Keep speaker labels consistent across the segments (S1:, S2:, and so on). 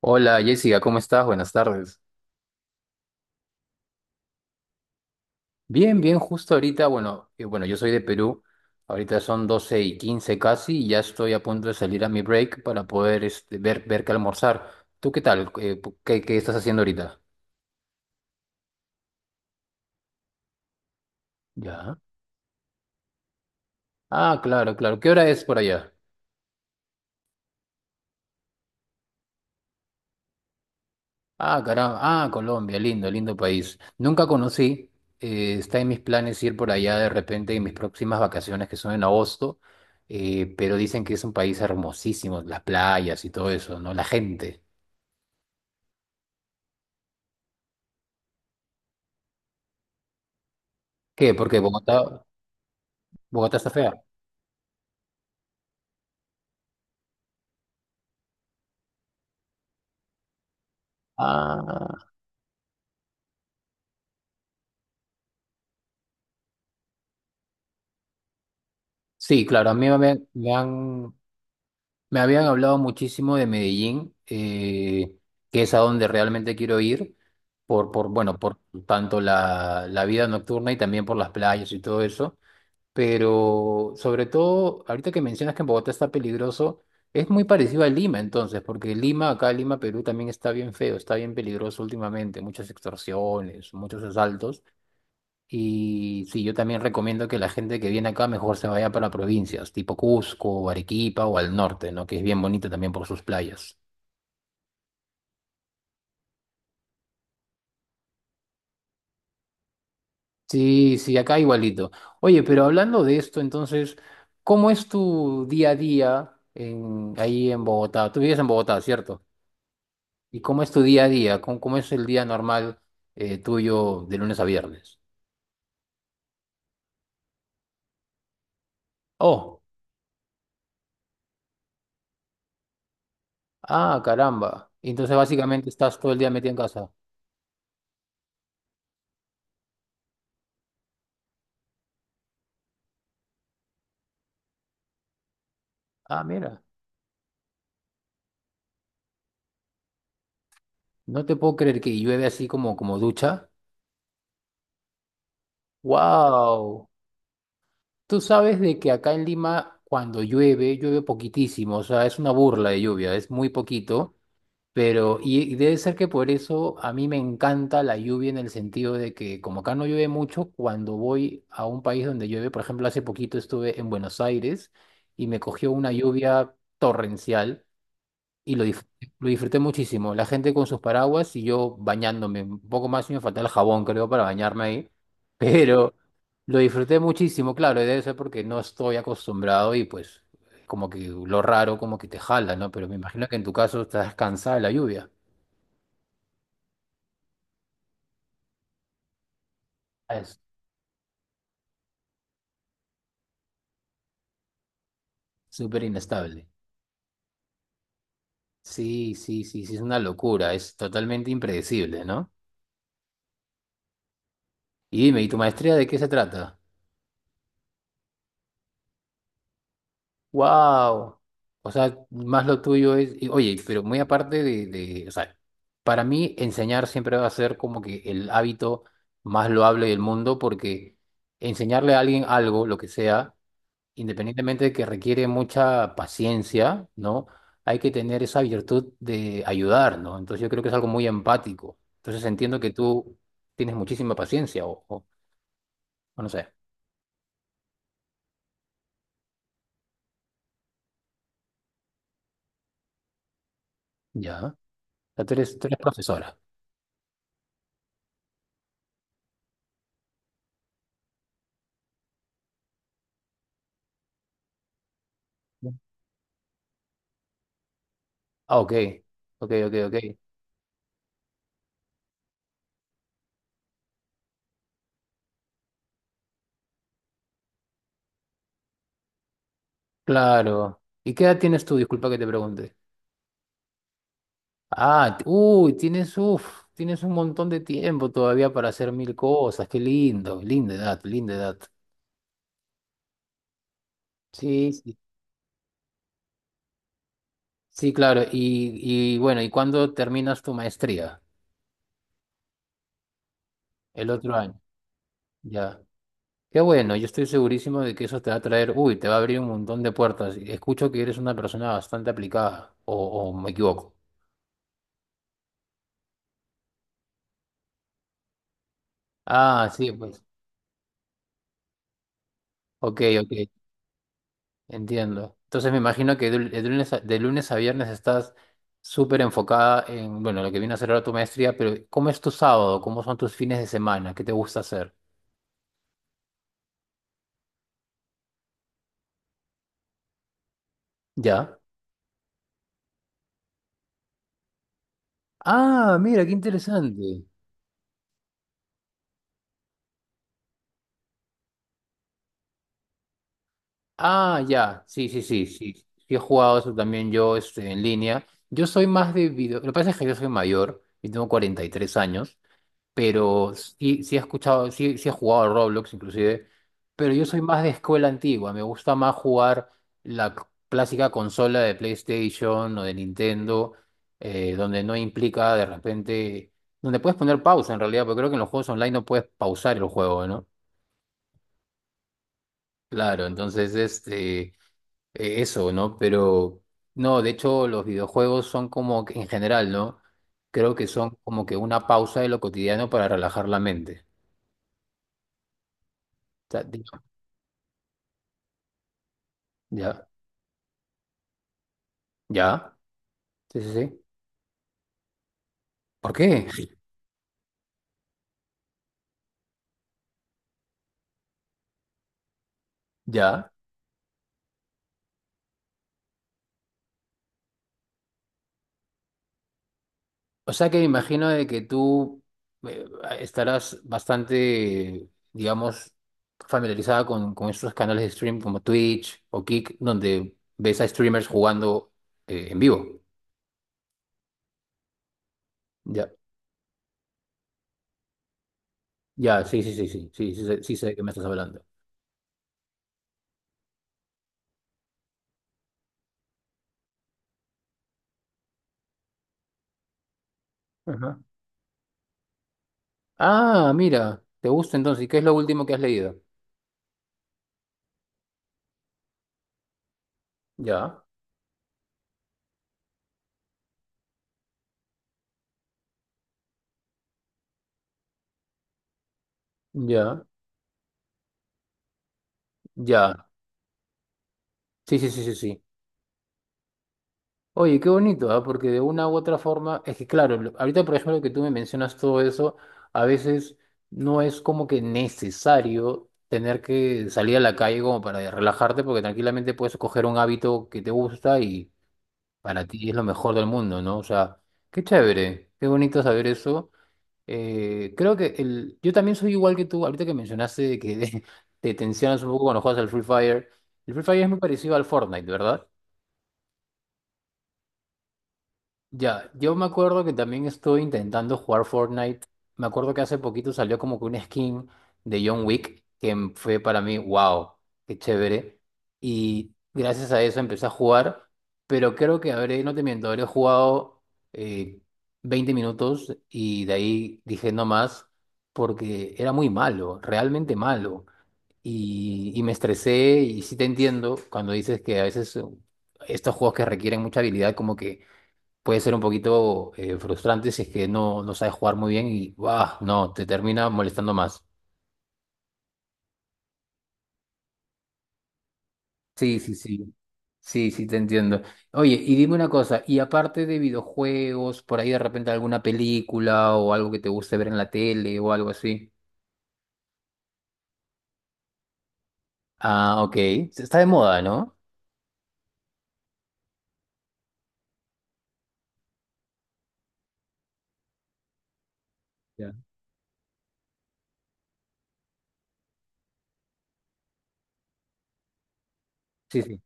S1: Hola Jessica, ¿cómo estás? Buenas tardes. Bien, bien, justo ahorita, bueno, yo soy de Perú, ahorita son 12:15 casi y ya estoy a punto de salir a mi break para poder ver qué almorzar. ¿Tú qué tal? ¿Qué estás haciendo ahorita? Ya. Ah, claro, claro. ¿Qué hora es por allá? Ah, caramba. Ah, Colombia, lindo, lindo país. Nunca conocí. Está en mis planes ir por allá de repente en mis próximas vacaciones, que son en agosto. Pero dicen que es un país hermosísimo, las playas y todo eso, ¿no? La gente. ¿Qué? Porque Bogotá está fea. Ah, sí, claro, a mí me habían hablado muchísimo de Medellín, que es a donde realmente quiero ir, por tanto la vida nocturna y también por las playas y todo eso. Pero sobre todo, ahorita que mencionas que en Bogotá está peligroso, es muy parecido a Lima entonces, porque Lima, acá Lima, Perú también está bien feo, está bien peligroso últimamente, muchas extorsiones, muchos asaltos. Y sí, yo también recomiendo que la gente que viene acá mejor se vaya para provincias, tipo Cusco, Arequipa o al norte, ¿no? Que es bien bonito también por sus playas. Sí, sí, acá igualito. Oye, pero hablando de esto, entonces, ¿cómo es tu día a día en, ahí en Bogotá? Tú vives en Bogotá, ¿cierto? ¿Y cómo es tu día a día? ¿Cómo, cómo es el día normal tuyo de lunes a viernes? Oh, ah, caramba. Y entonces básicamente estás todo el día metido en casa. Ah, mira, no te puedo creer que llueve así como, como ducha. Wow. Tú sabes de que acá en Lima cuando llueve, llueve poquitísimo, o sea, es una burla de lluvia, es muy poquito. Pero, y, debe ser que por eso a mí me encanta la lluvia en el sentido de que como acá no llueve mucho, cuando voy a un país donde llueve, por ejemplo, hace poquito estuve en Buenos Aires y me cogió una lluvia torrencial y lo disfruté muchísimo. La gente con sus paraguas y yo bañándome, un poco más y me faltaba el jabón, creo, para bañarme ahí. Pero lo disfruté muchísimo, claro, y debe ser porque no estoy acostumbrado y pues como que lo raro como que te jala, ¿no? Pero me imagino que en tu caso estás cansada de la lluvia. Es súper inestable. Sí, sí, sí, sí, es una locura, es totalmente impredecible, ¿no? Y dime, ¿y tu maestría de qué se trata? ¡Wow! O sea, más lo tuyo es, y, oye, pero muy aparte de, o sea, para mí enseñar siempre va a ser como que el hábito más loable del mundo, porque enseñarle a alguien algo, lo que sea, independientemente de que requiere mucha paciencia, ¿no? Hay que tener esa virtud de ayudar, ¿no? Entonces yo creo que es algo muy empático. Entonces entiendo que tú tienes muchísima paciencia o no sé, ya. O sea, tú eres profesora. Ah, ok, ok, ok, ok. Claro. ¿Y qué edad tienes tú? Disculpa que te pregunte. Ah, uy, tienes un montón de tiempo todavía para hacer mil cosas. Qué lindo, linda edad, linda edad. Sí, sí. Sí, claro. Y bueno, ¿y cuándo terminas tu maestría? El otro año. Ya. Qué bueno, yo estoy segurísimo de que eso te va a traer, uy, te va a abrir un montón de puertas. Escucho que eres una persona bastante aplicada, o me equivoco. Ah, sí, pues. Ok, ok, entiendo. Entonces me imagino que de lunes a viernes estás súper enfocada en, bueno, lo que viene a ser ahora tu maestría, pero ¿cómo es tu sábado? ¿Cómo son tus fines de semana? ¿Qué te gusta hacer? Ya. Ah, mira, qué interesante. Ah, ya, sí, sí, sí, sí, sí he jugado eso también yo en línea. Yo soy más de video, lo que pasa es que yo soy mayor, yo tengo 43 años, pero sí, sí he escuchado, sí, sí he jugado a Roblox inclusive, pero yo soy más de escuela antigua, me gusta más jugar la clásica consola de PlayStation o de Nintendo, donde no implica de repente, donde puedes poner pausa en realidad, porque creo que en los juegos online no puedes pausar el juego, ¿no? Claro, entonces eso, ¿no? Pero no, de hecho los videojuegos son como que en general, ¿no? Creo que son como que una pausa de lo cotidiano para relajar la mente. O sea, digo, ya, ya, sí, sí, sí. ¿Por qué? Ya. O sea que me imagino de que tú eh, estarás bastante, digamos, familiarizada con estos canales de stream como Twitch o Kick, donde ves a streamers jugando en vivo. Ya, ya, sí, sí, sí, sí, sí, sí, sí sé de qué me estás hablando. Ah, mira, te gusta entonces. ¿Y qué es lo último que has leído? Ya, ya, ya. Sí, sí, sí, sí, sí. Oye, qué bonito, ¿ah? Porque de una u otra forma, es que claro, ahorita por ejemplo que tú me mencionas todo eso, a veces no es como que necesario tener que salir a la calle como para relajarte, porque tranquilamente puedes coger un hábito que te gusta y para ti es lo mejor del mundo, ¿no? O sea, qué chévere, qué bonito saber eso. Creo que el, yo también soy igual que tú, ahorita que mencionaste que te tensionas un poco cuando juegas al Free Fire. El Free Fire es muy parecido al Fortnite, ¿verdad? Ya, yo me acuerdo que también estuve intentando jugar Fortnite. Me acuerdo que hace poquito salió como que una skin de John Wick que fue para mí, wow, qué chévere. Y gracias a eso empecé a jugar, pero creo que habré, no te miento, habré jugado eh, 20 minutos y de ahí dije no más porque era muy malo, realmente malo. Y me estresé y sí te entiendo cuando dices que a veces estos juegos que requieren mucha habilidad como que puede ser un poquito frustrante si es que no, no sabes jugar muy bien y ¡buah! No, te termina molestando más. Sí, sí, sí. Sí, sí, te entiendo. Oye, y dime una cosa, y aparte de videojuegos, por ahí de repente alguna película o algo que te guste ver en la tele o algo así. Ah, ok. Está de moda, ¿no? Ya. Sí, sí.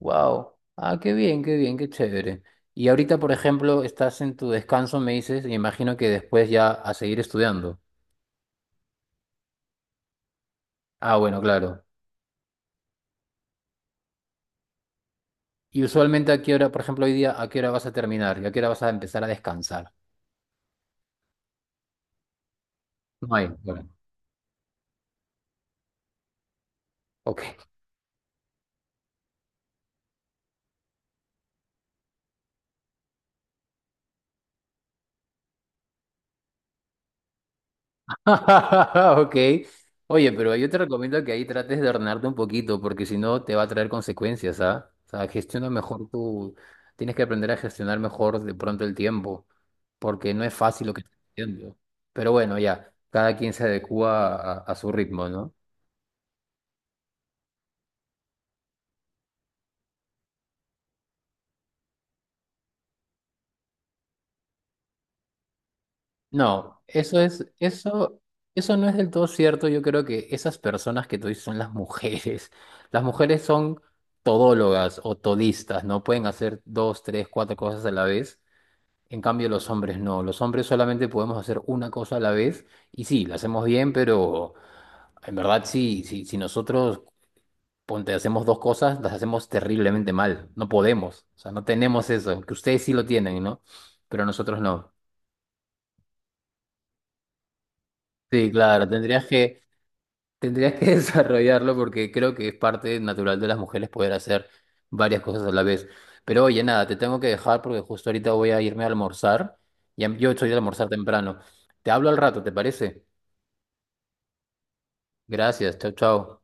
S1: Wow. Ah, qué bien, qué bien, qué chévere. Y ahorita, por ejemplo, estás en tu descanso, me dices, y imagino que después ya a seguir estudiando. Ah, bueno, claro. Y usualmente a qué hora, por ejemplo, hoy día, ¿a qué hora vas a terminar? ¿Y a qué hora vas a empezar a descansar? No hay. Bueno, ok. Ok. Oye, pero yo te recomiendo que ahí trates de ordenarte un poquito, porque si no te va a traer consecuencias, ¿ah? O sea, gestiona mejor tu... Tienes que aprender a gestionar mejor de pronto el tiempo, porque no es fácil lo que estás haciendo. Pero bueno, ya, cada quien se adecúa a su ritmo, ¿no? No, eso es, eso no es del todo cierto. Yo creo que esas personas que tú dices son las mujeres. Las mujeres son todólogas o todistas, ¿no? Pueden hacer dos, tres, cuatro cosas a la vez. En cambio, los hombres no. Los hombres solamente podemos hacer una cosa a la vez. Y sí, la hacemos bien, pero en verdad sí, sí, si nosotros ponte, hacemos dos cosas, las hacemos terriblemente mal. No podemos. O sea, no tenemos eso. Que ustedes sí lo tienen, ¿no? Pero nosotros no. Sí, claro, tendrías que desarrollarlo porque creo que es parte natural de las mujeres poder hacer varias cosas a la vez. Pero oye, nada, te tengo que dejar porque justo ahorita voy a irme a almorzar. Ya, yo estoy de almorzar temprano. Te hablo al rato, ¿te parece? Gracias, chao, chao.